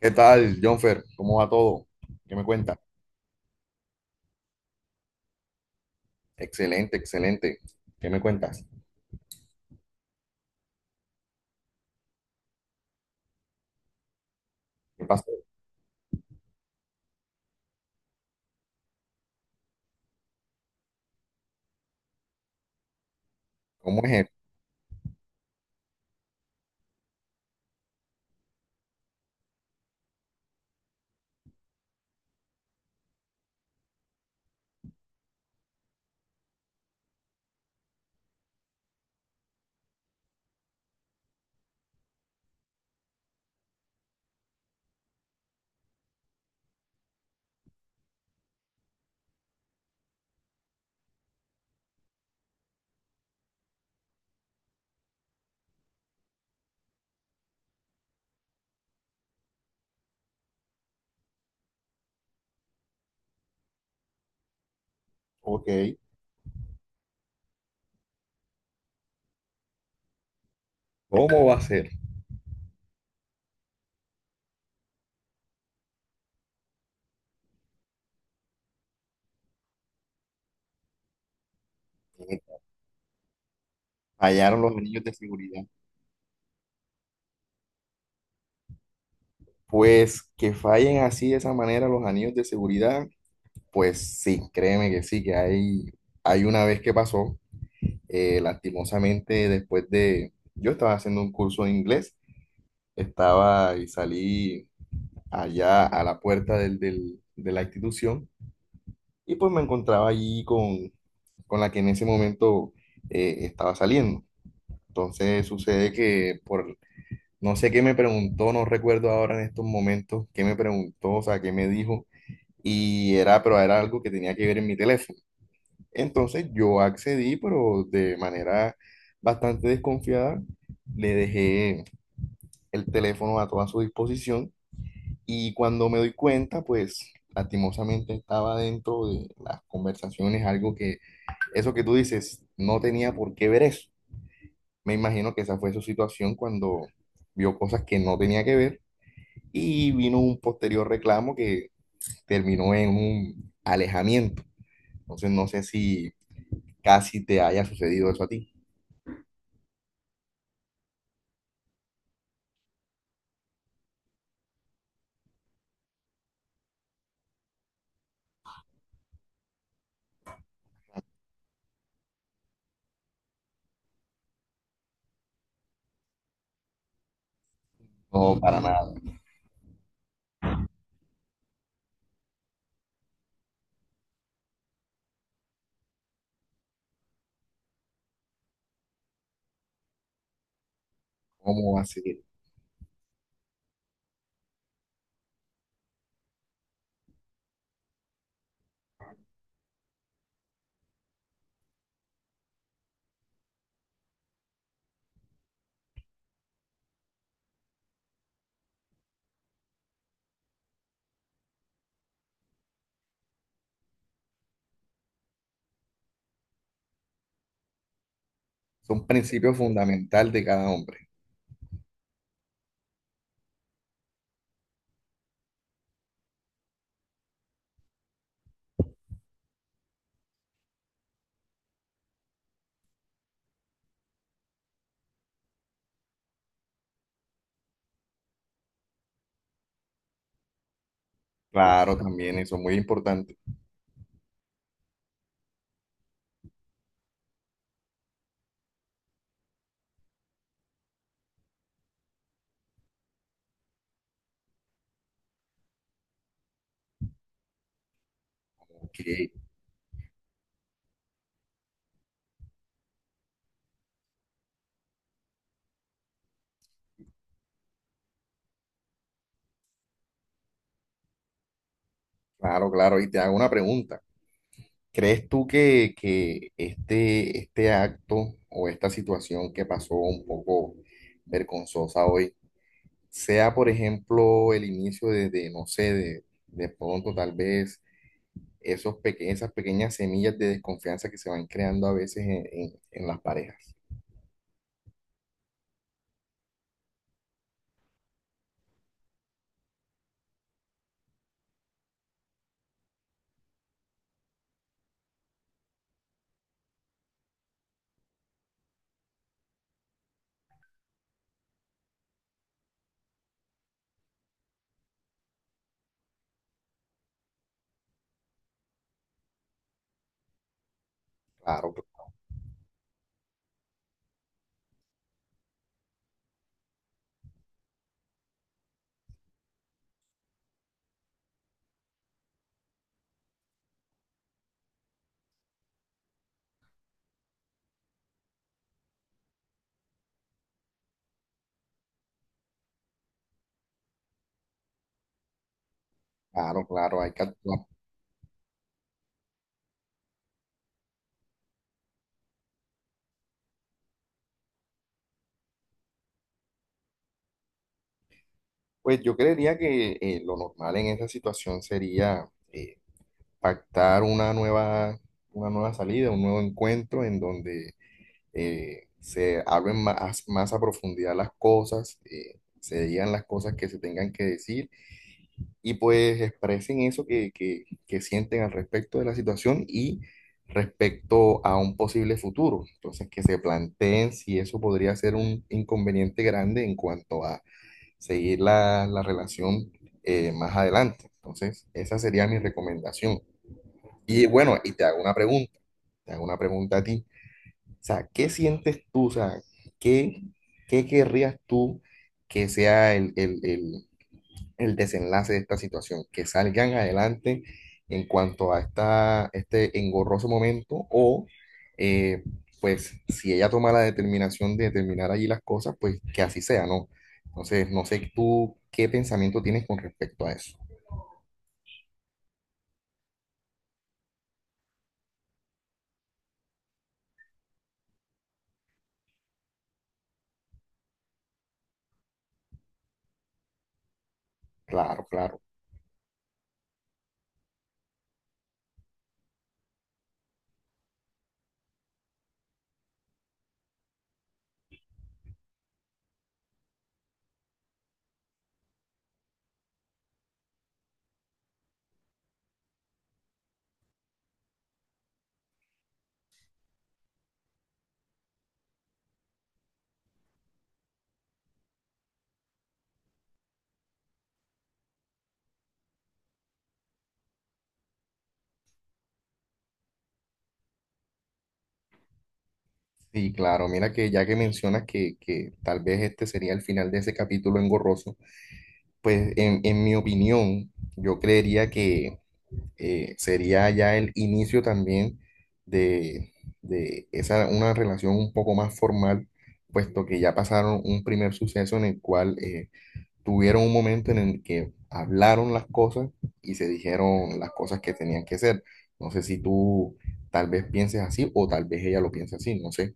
¿Qué tal, Jonfer? ¿Cómo va todo? ¿Qué me cuentas? Excelente, excelente. ¿Qué me cuentas? ¿Qué pasó? ¿Cómo es esto? Ok. ¿Cómo va a ser? Eh, Fallaron los anillos de seguridad. Pues que fallen así de esa manera los anillos de seguridad, pues sí, créeme que sí, hay una vez que pasó, lastimosamente yo estaba haciendo un curso de inglés, estaba y salí allá a la puerta de la institución y pues me encontraba allí con la que en ese momento estaba saliendo. Entonces sucede que por, no sé qué me preguntó, no recuerdo ahora en estos momentos qué me preguntó, o sea, qué me dijo, pero era algo que tenía que ver en mi teléfono. Entonces yo accedí, pero de manera bastante desconfiada, le dejé el teléfono a toda su disposición y cuando me doy cuenta, pues lastimosamente estaba dentro de las conversaciones, eso que tú dices, no tenía por qué ver eso. Me imagino que esa fue su situación cuando vio cosas que no tenía que ver y vino un posterior reclamo que terminó en un alejamiento. Entonces no sé si casi te haya sucedido eso a ti. No, para nada. ¿Cómo va a ser? Es un principio fundamental de cada hombre. Claro, también eso es muy importante. Ok. Claro, claro. Y te hago una pregunta. ¿Crees tú que, este acto o esta situación que pasó un poco vergonzosa hoy sea, por ejemplo, el inicio de no sé, de pronto tal vez esas pequeñas semillas de desconfianza que se van creando a veces en las parejas? Claro, claro, claro, hay que actuar. Pues yo creería que lo normal en esa situación sería pactar una nueva salida, un nuevo encuentro en donde se hablen más a profundidad las cosas, se digan las cosas que se tengan que decir y pues expresen eso que sienten al respecto de la situación y respecto a un posible futuro. Entonces, que se planteen si eso podría ser un inconveniente grande en cuanto a seguir la relación más adelante. Entonces, esa sería mi recomendación. Y bueno, y te hago una pregunta, te hago una pregunta a ti. O sea, ¿qué sientes tú? O sea, ¿qué, ¿qué querrías tú que sea el desenlace de esta situación? ¿Que salgan adelante en cuanto a este engorroso momento o eh, pues si ella toma la determinación de terminar allí las cosas, pues que así sea, ¿no? Entonces, no sé tú qué pensamiento tienes con respecto a eso. Claro, claro. Sí, claro, mira que ya que mencionas que tal vez este sería el final de ese capítulo engorroso, pues en mi opinión, yo creería que sería ya el inicio también de, de esa, una relación un poco más formal, puesto que ya pasaron un primer suceso en el cual tuvieron un momento en el que hablaron las cosas y se dijeron las cosas que tenían que ser. No sé si tú tal vez pienses así o tal vez ella lo piense así, no sé.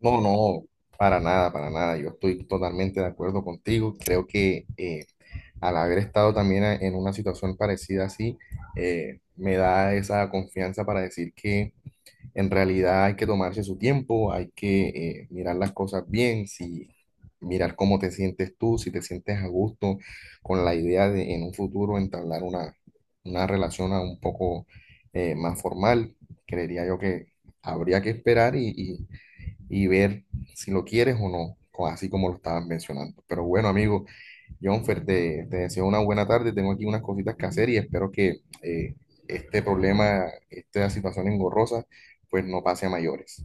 No, no, para nada, para nada. Yo estoy totalmente de acuerdo contigo. Creo que... al haber estado también en una situación parecida así, me da esa confianza para decir que en realidad hay que tomarse su tiempo, hay que mirar las cosas bien, si mirar cómo te sientes tú, si te sientes a gusto con la idea de en un futuro entablar una relación a un poco más formal, creería yo que habría que esperar y ver si lo quieres o no, así como lo estabas mencionando. Pero bueno, amigo. Jonfer, te deseo una buena tarde. Tengo aquí unas cositas que hacer y espero que este problema, esta situación engorrosa, pues no pase a mayores.